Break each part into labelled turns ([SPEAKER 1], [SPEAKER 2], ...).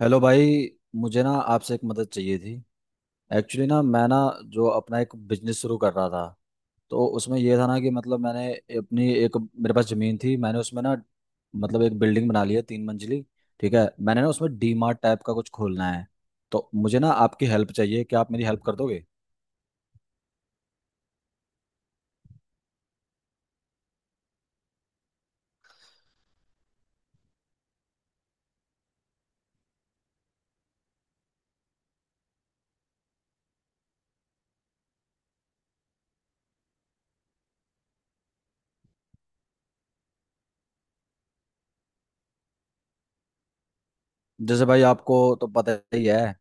[SPEAKER 1] Hello भाई। मुझे ना आपसे एक मदद चाहिए थी। एक्चुअली ना मैं ना जो अपना एक बिजनेस शुरू कर रहा था, तो उसमें ये था ना कि मतलब मैंने अपनी एक मेरे पास ज़मीन थी। मैंने उसमें ना मतलब एक बिल्डिंग बना ली है, 3 मंजिली। ठीक है, मैंने ना उसमें डी मार्ट टाइप का कुछ खोलना है। तो मुझे ना आपकी हेल्प चाहिए, क्या आप मेरी हेल्प कर दोगे? जैसे भाई आपको तो पता ही है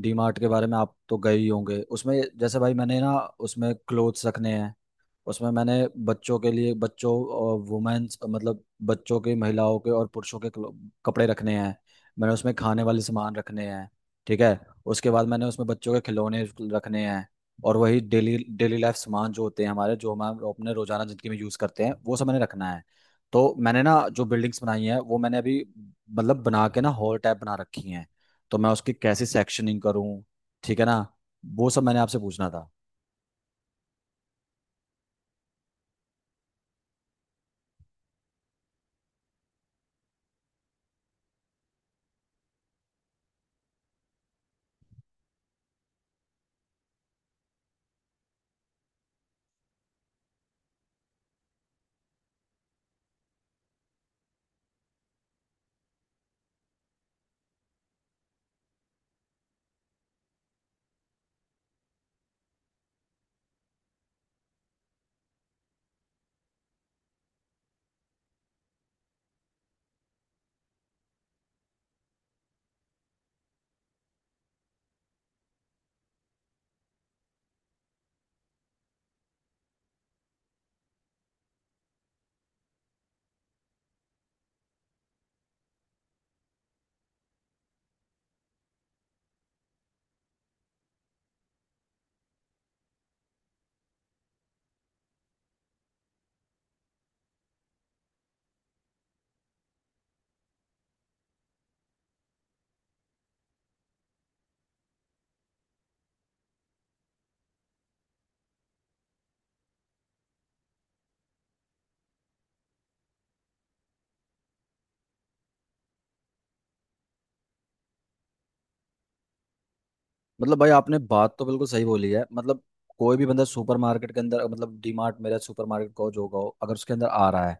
[SPEAKER 1] डी मार्ट के बारे में, आप तो गए ही होंगे। उसमें जैसे भाई मैंने ना उसमें क्लोथ्स रखने हैं। उसमें मैंने बच्चों के लिए बच्चों और वुमेन्स मतलब बच्चों के, महिलाओं के और पुरुषों के कपड़े रखने हैं। मैंने उसमें खाने वाले सामान रखने हैं। ठीक है। उसके बाद मैंने उसमें बच्चों के खिलौने रखने हैं। और वही डेली डेली लाइफ सामान जो होते हैं हमारे, जो हम अपने रोजाना जिंदगी में यूज करते हैं वो सब मैंने रखना है। तो मैंने ना जो बिल्डिंग्स बनाई हैं वो मैंने अभी मतलब बना के ना हॉल टाइप बना रखी हैं। तो मैं उसकी कैसे सेक्शनिंग करूँ? ठीक है ना, वो सब मैंने आपसे पूछना था। मतलब भाई आपने बात तो बिल्कुल सही बोली है। मतलब कोई भी बंदा सुपरमार्केट के अंदर, मतलब डीमार्ट मेरा सुपरमार्केट कहो जो कहो, अगर उसके अंदर आ रहा है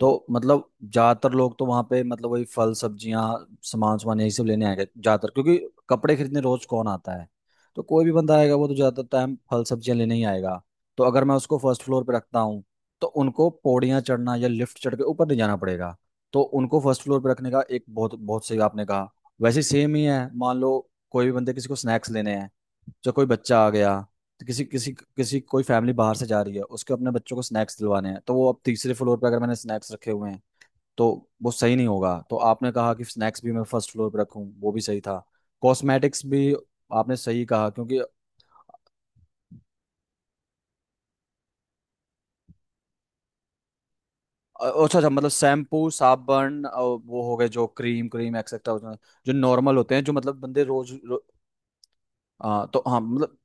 [SPEAKER 1] तो मतलब ज्यादातर लोग तो वहां पे मतलब वही फल सब्जियां सामान सामान यही सब लेने आएगा ज्यादातर, क्योंकि कपड़े खरीदने रोज कौन आता है? तो कोई भी बंदा आएगा वो तो ज्यादातर टाइम फल सब्जियां लेने ही आएगा। तो अगर मैं उसको फर्स्ट फ्लोर पे रखता हूँ तो उनको पौड़ियाँ चढ़ना या लिफ्ट चढ़ के ऊपर नहीं जाना पड़ेगा। तो उनको फर्स्ट फ्लोर पे रखने का एक बहुत बहुत सही आपने कहा। वैसे सेम ही है, मान लो कोई भी बंदे किसी को स्नैक्स लेने हैं, जो कोई बच्चा आ गया, तो किसी किसी किसी कोई फैमिली बाहर से जा रही है उसके अपने बच्चों को स्नैक्स दिलवाने हैं तो वो अब तीसरे फ्लोर पे अगर मैंने स्नैक्स रखे हुए हैं तो वो सही नहीं होगा। तो आपने कहा कि स्नैक्स भी मैं फर्स्ट फ्लोर पे रखूं, वो भी सही था। कॉस्मेटिक्स भी आपने सही कहा क्योंकि अच्छा अच्छा, मतलब शैम्पू साबुन, वो हो गए जो क्रीम क्रीम एक्सेट्रा जो नॉर्मल होते हैं, जो मतलब बंदे तो हाँ मतलब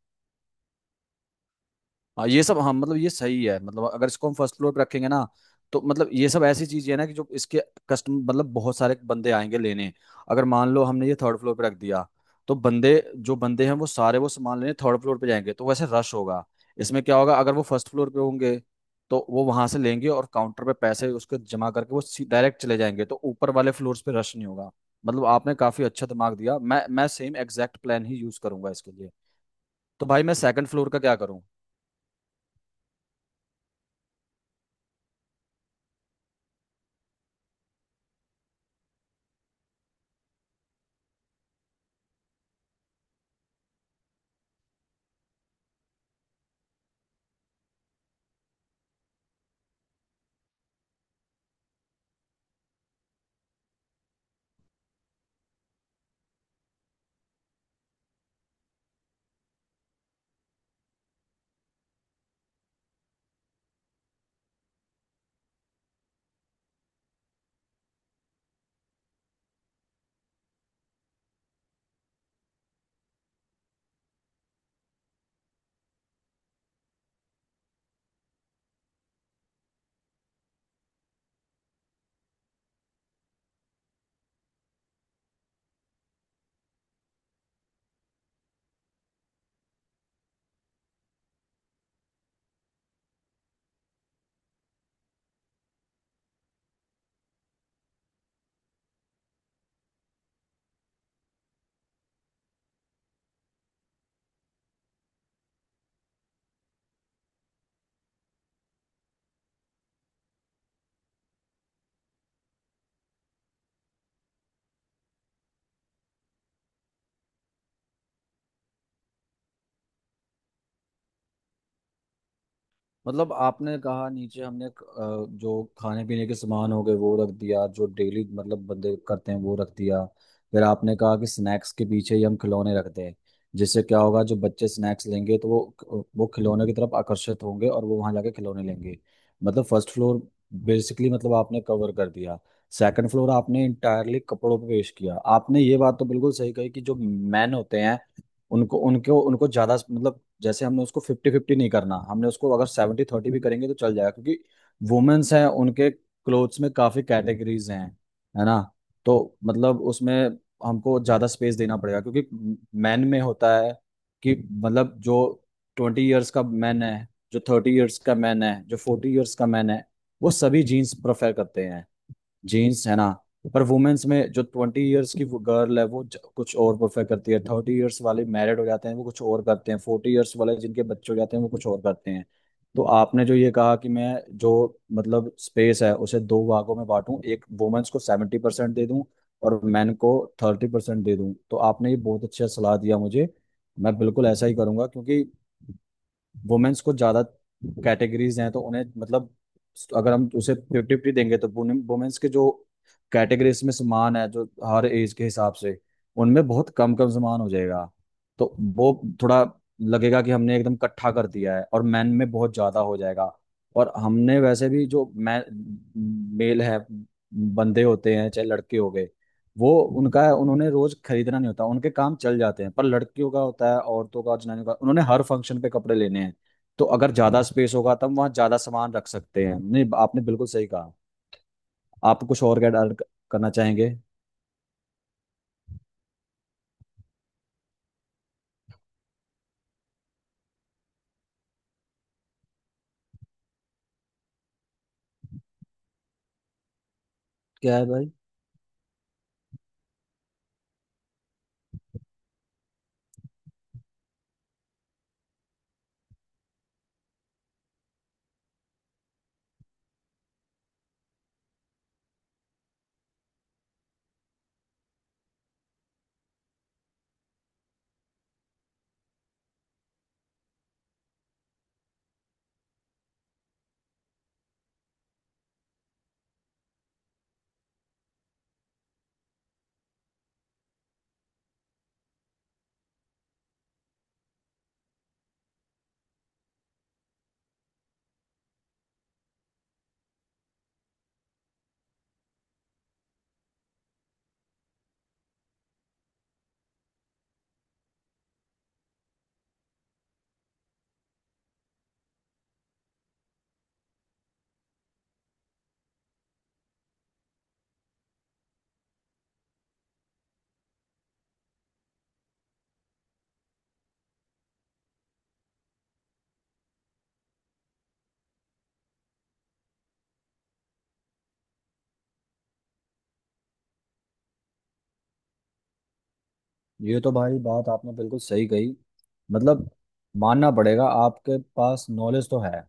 [SPEAKER 1] हाँ ये सब। हाँ मतलब ये सही है, मतलब अगर इसको हम फर्स्ट फ्लोर पे रखेंगे ना तो मतलब ये सब ऐसी चीजें है ना कि जो इसके कस्टमर मतलब बहुत सारे बंदे आएंगे लेने। अगर मान लो हमने ये थर्ड फ्लोर पे रख दिया तो बंदे जो बंदे हैं वो सारे वो सामान लेने थर्ड फ्लोर पे जाएंगे तो वैसे रश होगा। इसमें क्या होगा अगर वो फर्स्ट फ्लोर पे होंगे तो वो वहां से लेंगे और काउंटर पे पैसे उसके जमा करके वो डायरेक्ट चले जाएंगे तो ऊपर वाले फ्लोर्स पे रश नहीं होगा। मतलब आपने काफी अच्छा दिमाग दिया, मैं सेम एग्जैक्ट प्लान ही यूज करूंगा इसके लिए। तो भाई मैं सेकंड फ्लोर का क्या करूँ? मतलब आपने कहा नीचे हमने जो खाने पीने के सामान हो गए वो रख दिया, जो डेली मतलब बंदे करते हैं वो रख दिया। फिर आपने कहा कि स्नैक्स के पीछे ही हम खिलौने रखते हैं, जिससे क्या होगा जो बच्चे स्नैक्स लेंगे तो वो खिलौने की तरफ आकर्षित होंगे और वो वहां जाके खिलौने लेंगे। मतलब फर्स्ट फ्लोर बेसिकली मतलब आपने कवर कर दिया। सेकंड फ्लोर आपने इंटायरली कपड़ों पे पेश किया। आपने ये बात तो बिल्कुल सही कही कि जो मैन होते हैं उनको उनको उनको ज्यादा मतलब, जैसे हमने उसको 50-50 नहीं करना, हमने उसको अगर 70-30 भी करेंगे तो चल जाएगा क्योंकि वुमेन्स हैं उनके क्लोथ्स में काफी कैटेगरीज हैं, है ना? तो मतलब उसमें हमको ज्यादा स्पेस देना पड़ेगा क्योंकि मैन में होता है कि मतलब जो 20 इयर्स का मैन है, जो 30 इयर्स का मैन है, जो 40 इयर्स का मैन है वो सभी जीन्स प्रेफर करते हैं, जीन्स, है ना? पर वुमेन्स में जो 20 इयर्स की गर्ल है वो कुछ और परफेक्ट करती है, 30 इयर्स वाले मैरिड हो जाते हैं वो कुछ और करते हैं, 40 इयर्स वाले जिनके बच्चे हो जाते हैं वो कुछ और करते हैं। तो आपने जो ये कहा कि मैं जो मतलब स्पेस है उसे दो भागों में बांटूं, एक वुमेन्स को 70% दे दूं और मेन को 30% दे दूं, तो आपने ये बहुत अच्छा सलाह दिया मुझे। मैं बिल्कुल ऐसा ही करूंगा क्योंकि वुमेन्स को ज्यादा कैटेगरीज हैं तो उन्हें मतलब अगर हम उसे 50-50 देंगे तो वुमेन्स के जो कैटेगरीज में सामान है जो हर एज के हिसाब से उनमें बहुत कम कम सामान हो जाएगा। तो वो थोड़ा लगेगा कि हमने एकदम इकट्ठा कर दिया है और मैन में बहुत ज्यादा हो जाएगा। और हमने वैसे भी जो मैं मेल है बंदे होते हैं चाहे लड़के हो गए वो उनका है उन्होंने रोज खरीदना नहीं होता, उनके काम चल जाते हैं, पर लड़कियों का होता है, औरतों का, जनानियों का, उन्होंने हर फंक्शन पे कपड़े लेने हैं। तो अगर ज्यादा स्पेस होगा तब वहां ज्यादा सामान रख सकते हैं। नहीं आपने बिल्कुल सही कहा। आप कुछ और क्या ऐड करना चाहेंगे? क्या है भाई? ये तो भाई बात आपने बिल्कुल सही कही। मतलब मानना पड़ेगा आपके पास नॉलेज तो है।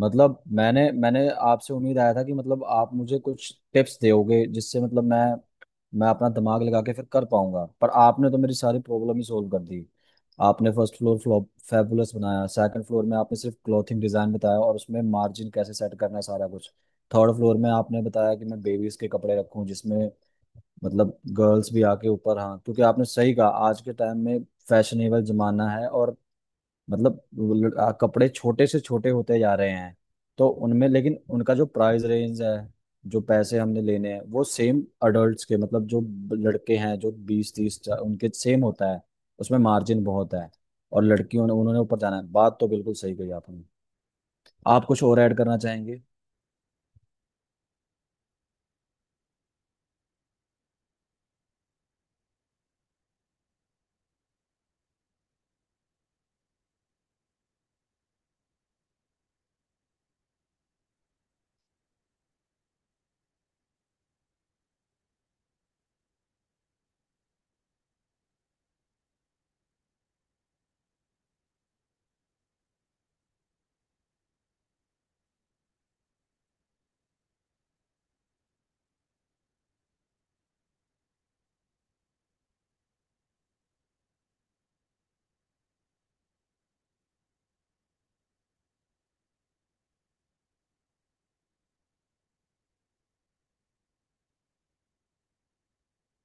[SPEAKER 1] मतलब मैंने मैंने आपसे उम्मीद आया था कि मतलब आप मुझे कुछ टिप्स दोगे जिससे मतलब मैं अपना दिमाग लगा के फिर कर पाऊंगा, पर आपने तो मेरी सारी प्रॉब्लम ही सोल्व कर दी। आपने फर्स्ट फ्लोर फ्लॉप फैबुलस बनाया, सेकंड फ्लोर में आपने सिर्फ क्लॉथिंग डिजाइन बताया और उसमें मार्जिन कैसे सेट करना है सारा कुछ, थर्ड फ्लोर में आपने बताया कि मैं बेबीज के कपड़े रखूं जिसमें मतलब गर्ल्स भी आके ऊपर। हाँ क्योंकि आपने सही कहा आज के टाइम में फैशनेबल जमाना है और मतलब कपड़े छोटे से छोटे होते जा रहे हैं तो उनमें लेकिन उनका जो प्राइस रेंज है जो पैसे हमने लेने हैं वो सेम अडल्ट्स के, मतलब जो लड़के हैं जो 20-30 उनके सेम होता है, उसमें मार्जिन बहुत है। और लड़कियों ने उन्होंने ऊपर जाना है, बात तो बिल्कुल सही कही आपने। आप कुछ और ऐड करना चाहेंगे?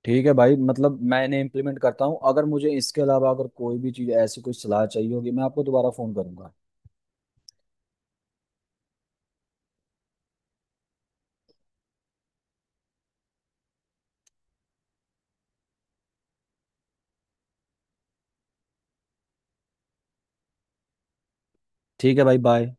[SPEAKER 1] ठीक है भाई, मतलब मैंने इम्प्लीमेंट करता हूँ। अगर मुझे इसके अलावा अगर कोई भी चीज़ ऐसी कोई सलाह चाहिए होगी मैं आपको दोबारा फ़ोन करूंगा। ठीक है भाई, बाय।